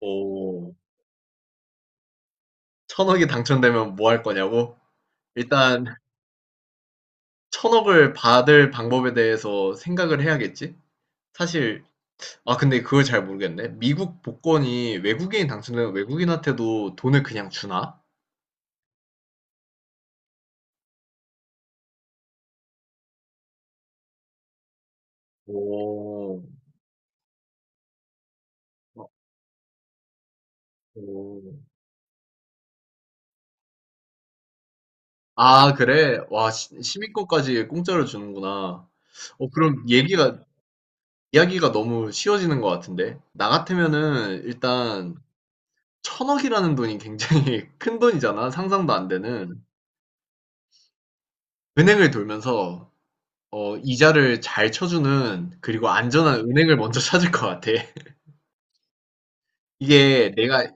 오, 천억이 당첨되면 뭐 할 거냐고? 일단, 천억을 받을 방법에 대해서 생각을 해야겠지? 사실, 근데 그걸 잘 모르겠네. 미국 복권이 외국인이 당첨되면 외국인한테도 돈을 그냥 주나? 오, 어, 오. 아, 그래? 와, 시민권까지 공짜로 주는구나. 그럼 이야기가 너무 쉬워지는 것 같은데? 나 같으면은, 일단, 천억이라는 돈이 굉장히 큰 돈이잖아. 상상도 안 되는. 은행을 돌면서 이자를 잘 쳐 주는 그리고 안전한 은행을 먼저 찾을 것 같아. 이게 내가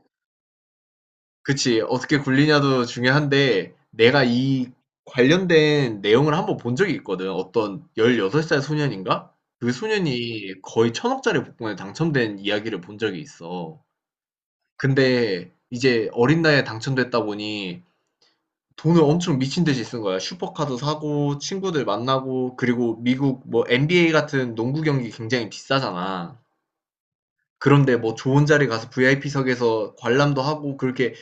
그치. 어떻게 굴리냐도 중요한데 내가 이 관련된 내용을 한번 본 적이 있거든. 어떤 16살 소년인가? 그 소년이 거의 1,000 억짜리 복권에 당첨된 이야기를 본 적이 있어. 근데 이제 어린 나이에 당첨됐다 보니 돈을 엄청 미친 듯이 쓴 거야. 슈퍼카도 사고 친구들 만나고 그리고 미국 뭐 NBA 같은 농구 경기 굉장히 비싸잖아. 그런데 뭐 좋은 자리 가서 VIP석에서 관람도 하고 그렇게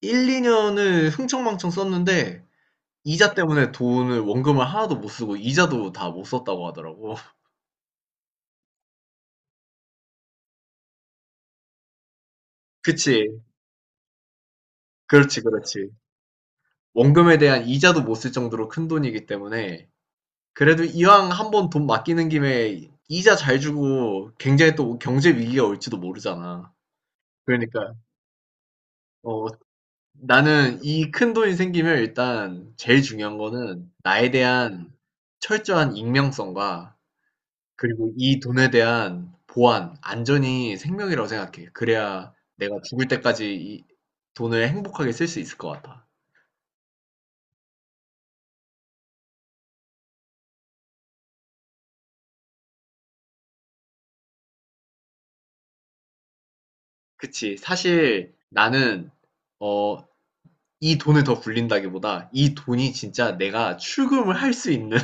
1, 2년을 흥청망청 썼는데 이자 때문에 돈을 원금을 하나도 못 쓰고 이자도 다 못 썼다고 하더라고. 그치. 그렇지, 그렇지. 원금에 대한 이자도 못 쓸 정도로 큰 돈이기 때문에 그래도 이왕 한번 돈 맡기는 김에 이자 잘 주고 굉장히 또 경제 위기가 올지도 모르잖아. 그러니까 어 나는 이 큰 돈이 생기면 일단 제일 중요한 거는 나에 대한 철저한 익명성과 그리고 이 돈에 대한 보안, 안전이 생명이라고 생각해. 그래야 내가 죽을 때까지 이 돈을 행복하게 쓸 수 있을 것 같아. 그치. 사실 나는 어 이 돈을 더 굴린다기보다 이 돈이 진짜 내가 출금을 할 수 있는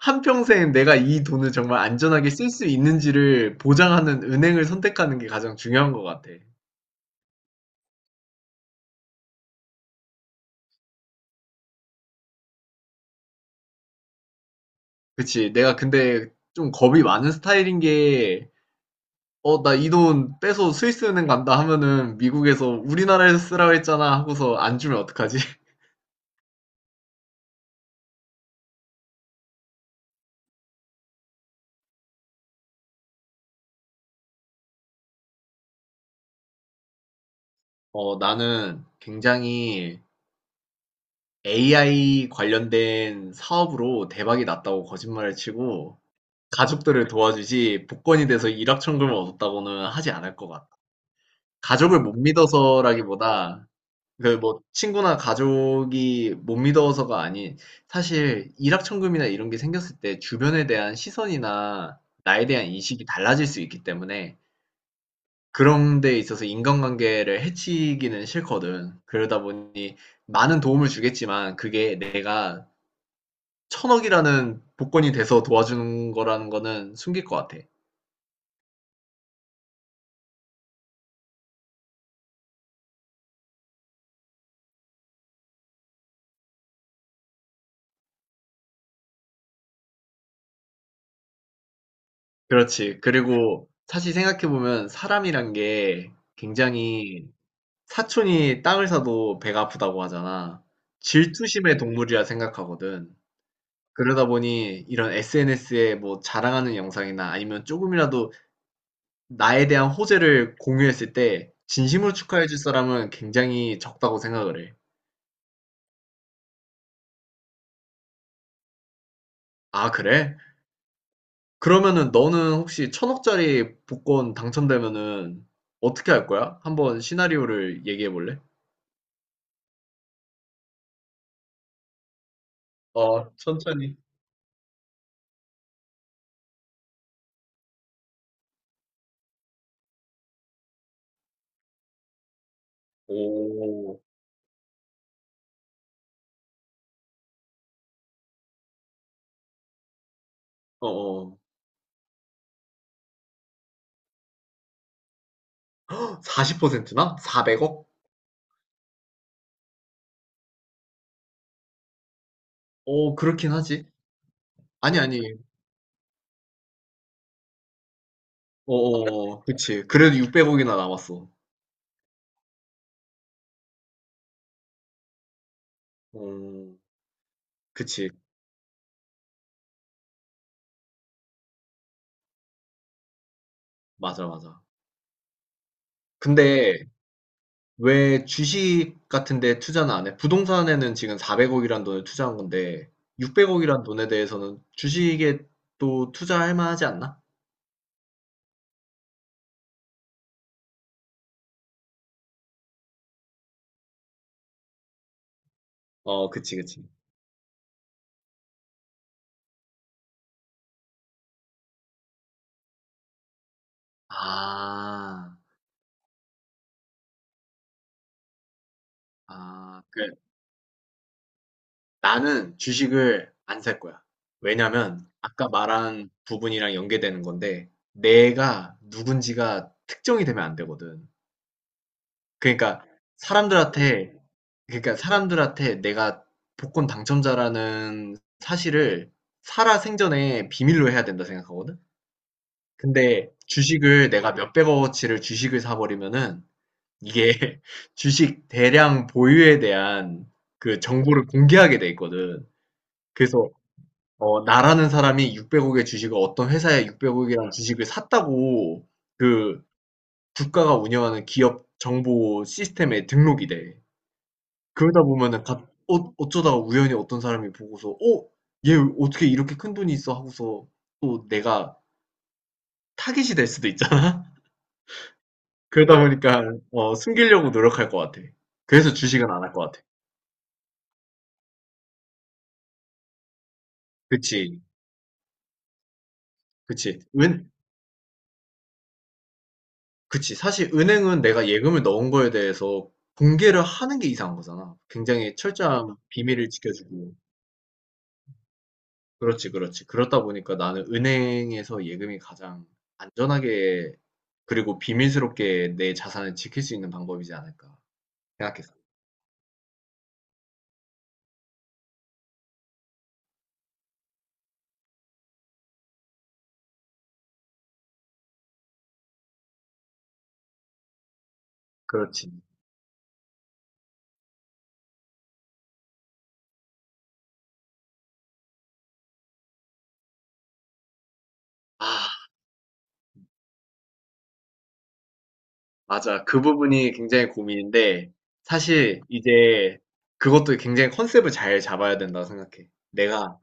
한평생 내가 이 돈을 정말 안전하게 쓸 수 있는지를 보장하는 은행을 선택하는 게 가장 중요한 것 같아. 그치. 내가 근데 좀 겁이 많은 스타일인 게, 나 이 돈 빼서 스위스 은행 간다 하면은 미국에서 우리나라에서 쓰라고 했잖아 하고서 안 주면 어떡하지? 나는 굉장히 AI 관련된 사업으로 대박이 났다고 거짓말을 치고 가족들을 도와주지 복권이 돼서 일확천금을 얻었다고는 하지 않을 것 같아. 가족을 못 믿어서라기보다 그 뭐 친구나 가족이 못 믿어서가 아닌 사실 일확천금이나 이런 게 생겼을 때 주변에 대한 시선이나 나에 대한 인식이 달라질 수 있기 때문에 그런 데 있어서 인간관계를 해치기는 싫거든. 그러다 보니 많은 도움을 주겠지만 그게 내가 천억이라는 복권이 돼서 도와주는 거라는 거는 숨길 것 같아. 그렇지. 그리고 사실 생각해보면 사람이란 게 굉장히 사촌이 땅을 사도 배가 아프다고 하잖아. 질투심의 동물이라 생각하거든. 그러다 보니 이런 SNS에 뭐 자랑하는 영상이나 아니면 조금이라도 나에 대한 호재를 공유했을 때 진심으로 축하해줄 사람은 굉장히 적다고 생각을 해. 아, 그래? 그러면은 너는 혹시 천억짜리 복권 당첨되면은 어떻게 할 거야? 한번 시나리오를 얘기해 볼래? 어, 천천히. 오, 어, 어. 40%나? 400억? 오, 그렇긴 하지. 아니, 아니. 어어어. 그치. 그래도 600억이나 남았어. 어, 그치. 맞아, 맞아. 근데 왜 주식 같은 데 투자는 안 해? 부동산에는 지금 400억이란 돈을 투자한 건데, 600억이란 돈에 대해서는 주식에 또 투자할 만하지 않나? 어, 그치, 그치. 아, 아, 그, 나는 주식을 안 살 거야. 왜냐면, 아까 말한 부분이랑 연계되는 건데, 내가 누군지가 특정이 되면 안 되거든. 그러니까 사람들한테 그러니까 사람들한테 내가 복권 당첨자라는 사실을 살아생전에 비밀로 해야 된다 생각하거든? 근데 주식을 내가 몇백억어치를 주식을 사버리면은 이게 주식 대량 보유에 대한 그 정보를 공개하게 돼 있거든. 그래서 나라는 사람이 600억의 주식을 어떤 회사에 600억이라는 주식을 샀다고 그 국가가 운영하는 기업 정보 시스템에 등록이 돼. 그러다 보면은 갑 어 어쩌다가 우연히 어떤 사람이 보고서 '어 얘 어떻게 이렇게 큰 돈이 있어?' 하고서 또 내가 타깃이 될 수도 있잖아. 그러다 보니까 숨기려고 노력할 것 같아. 그래서 주식은 안 할 것 같아. 그치. 그치. 은 그치. 사실 은행은 내가 예금을 넣은 거에 대해서 공개를 하는 게 이상한 거잖아. 굉장히 철저한 비밀을 지켜주고. 그렇지, 그렇지. 그렇다 보니까 나는 은행에서 예금이 가장 안전하게 그리고 비밀스럽게 내 자산을 지킬 수 있는 방법이지 않을까 생각했어. 그렇지. 아, 맞아. 그 부분이 굉장히 고민인데 사실 이제 그것도 굉장히 컨셉을 잘 잡아야 된다고 생각해. 내가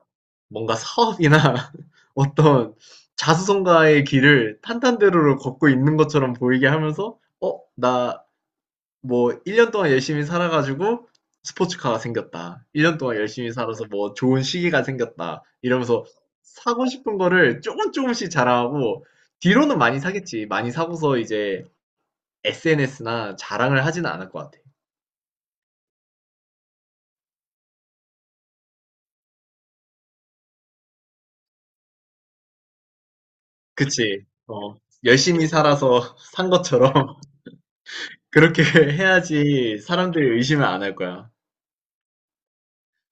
뭔가 사업이나 어떤 자수성가의 길을 탄탄대로를 걷고 있는 것처럼 보이게 하면서 나 뭐 1년 동안 열심히 살아가지고 스포츠카가 생겼다. 1년 동안 열심히 살아서 뭐 좋은 시기가 생겼다. 이러면서 사고 싶은 거를 조금 조금씩 자랑하고 뒤로는 많이 사겠지. 많이 사고서 이제 SNS나 자랑을 하지는 않을 것 같아. 그치? 열심히 살아서 산 것처럼 그렇게 해야지 사람들이 의심을 안 할 거야.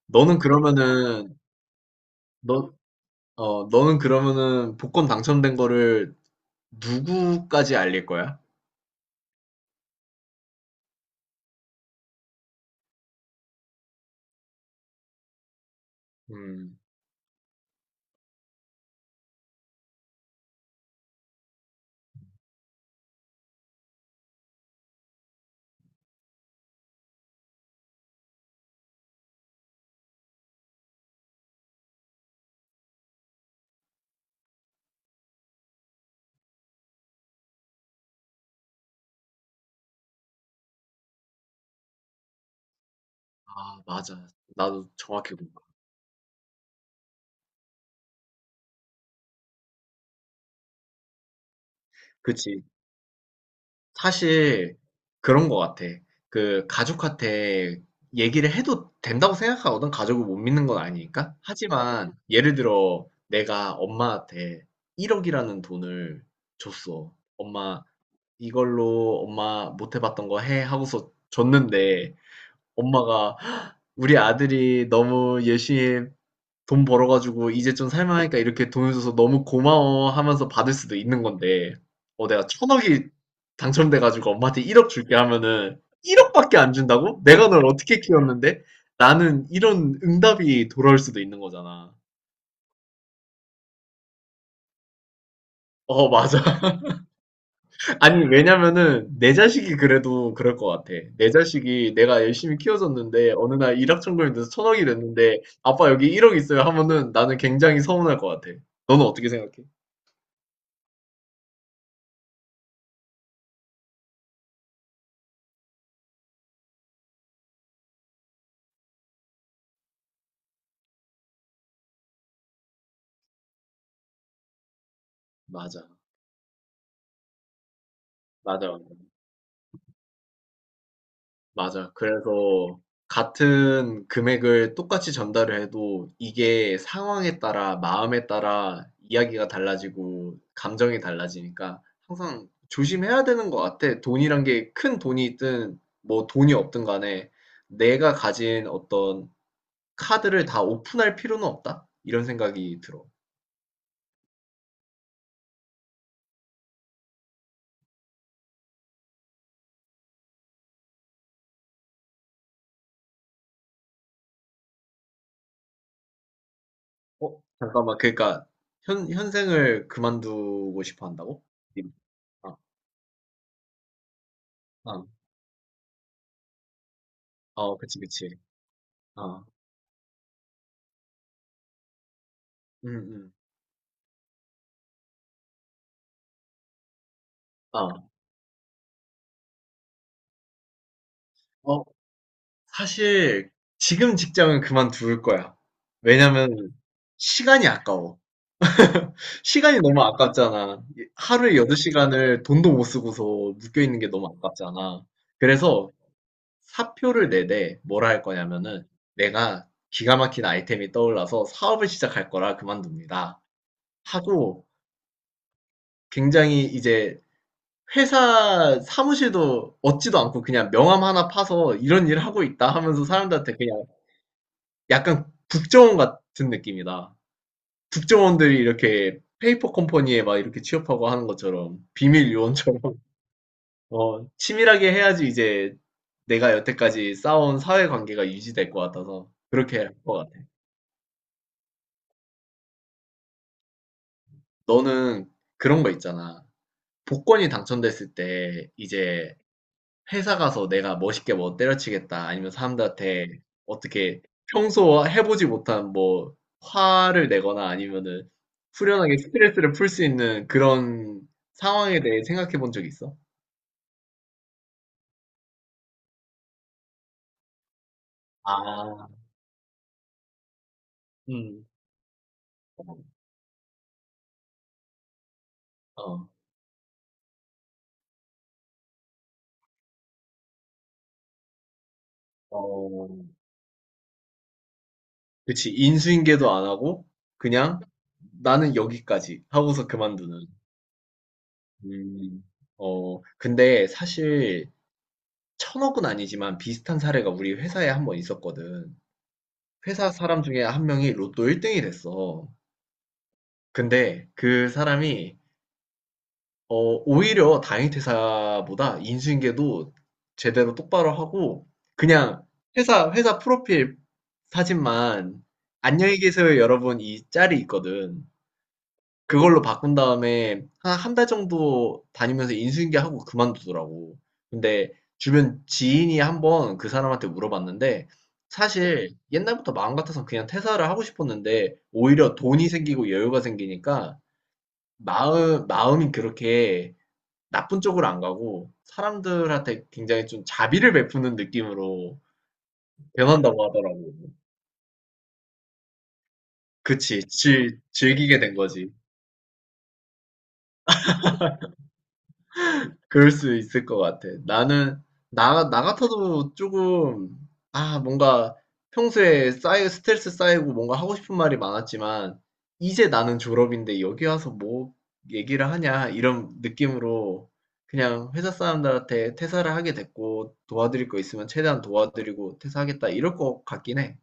너는 그러면은 너, 너는 그러면은 복권 당첨된 거를 누구까지 알릴 거야? 음. 아, 맞아. 나도 정확히 공감. 그치. 사실 그런 것 같아. 그 가족한테 얘기를 해도 된다고 생각하거든. 가족을 못 믿는 건 아니니까. 하지만 예를 들어 내가 엄마한테 1억이라는 돈을 줬어. 엄마 이걸로 엄마 못 해봤던 거 해 하고서 줬는데 엄마가 우리 아들이 너무 열심히 돈 벌어가지고 이제 좀 살만하니까 이렇게 돈을 줘서 너무 고마워 하면서 받을 수도 있는 건데, 내가 천억이 당첨돼가지고 엄마한테 1억 줄게 하면은 1억밖에 안 준다고? 내가 널 어떻게 키웠는데? 나는 이런 응답이 돌아올 수도 있는 거잖아. 어, 맞아. 아니, 왜냐면은 내 자식이 그래도 그럴 것 같아. 내 자식이 내가 열심히 키워줬는데 어느 날 일확천금이 돼서 천억이 됐는데 아빠 여기 1억 있어요 하면은 나는 굉장히 서운할 것 같아. 너는 어떻게 생각해? 맞아. 맞아. 맞아. 그래서 같은 금액을 똑같이 전달을 해도 이게 상황에 따라, 마음에 따라 이야기가 달라지고 감정이 달라지니까 항상 조심해야 되는 것 같아. 돈이란 게 큰 돈이 있든 뭐 돈이 없든 간에 내가 가진 어떤 카드를 다 오픈할 필요는 없다. 이런 생각이 들어. 어? 잠깐만. 그러니까 현생을 그만두고 싶어 한다고? 아, 아, 어, 그치, 그치. 아, 음, 음. 아. 어, 사실 지금 직장은 그만둘 거야. 왜냐면 시간이 아까워. 시간이 너무 아깝잖아. 하루에 8시간을 돈도 못 쓰고서 묶여있는 게 너무 아깝잖아. 그래서 사표를 내되 뭐라 할 거냐면은 내가 기가 막힌 아이템이 떠올라서 사업을 시작할 거라 그만둡니다. 하고 굉장히 이제 회사 사무실도 얻지도 않고 그냥 명함 하나 파서 이런 일 하고 있다 하면서 사람들한테 그냥 약간 국정원 같은 느낌이다. 국정원들이 이렇게 페이퍼 컴퍼니에 막 이렇게 취업하고 하는 것처럼 비밀 요원처럼 치밀하게 해야지 이제 내가 여태까지 쌓아온 사회 관계가 유지될 것 같아서 그렇게 할 것 같아. 너는 그런 거 있잖아. 복권이 당첨됐을 때 이제 회사 가서 내가 멋있게 뭐 때려치겠다 아니면 사람들한테 어떻게 평소 해보지 못한 뭐 화를 내거나 아니면은 후련하게 스트레스를 풀 수 있는 그런 상황에 대해 생각해 본 적 있어? 아, 음, 어, 어. 그치. 인수인계도 안 하고 그냥 나는 여기까지 하고서 그만두는. 음. 근데 사실 천억은 아니지만 비슷한 사례가 우리 회사에 한 번 있었거든. 회사 사람 중에 한 명이 로또 1등이 됐어. 근데 그 사람이 어, 오히려 당일 퇴사보다 인수인계도 제대로 똑바로 하고 그냥 회사 프로필 사진만 안녕히 계세요 여러분 이 짤이 있거든. 그걸로 바꾼 다음에 한 한 달 정도 다니면서 인수인계하고 그만두더라고. 근데 주변 지인이 한번 그 사람한테 물어봤는데 사실 옛날부터 마음 같아서 그냥 퇴사를 하고 싶었는데 오히려 돈이 생기고 여유가 생기니까 마음이 그렇게 나쁜 쪽으로 안 가고 사람들한테 굉장히 좀 자비를 베푸는 느낌으로 변한다고 하더라고. 그치. 즐기게 된 거지. 그럴 수 있을 것 같아. 나 같아도 조금, 아, 뭔가 평소에 스트레스 쌓이고 뭔가 하고 싶은 말이 많았지만, 이제 나는 졸업인데 여기 와서 뭐 얘기를 하냐, 이런 느낌으로 그냥 회사 사람들한테 퇴사를 하게 됐고, 도와드릴 거 있으면 최대한 도와드리고 퇴사하겠다, 이럴 것 같긴 해.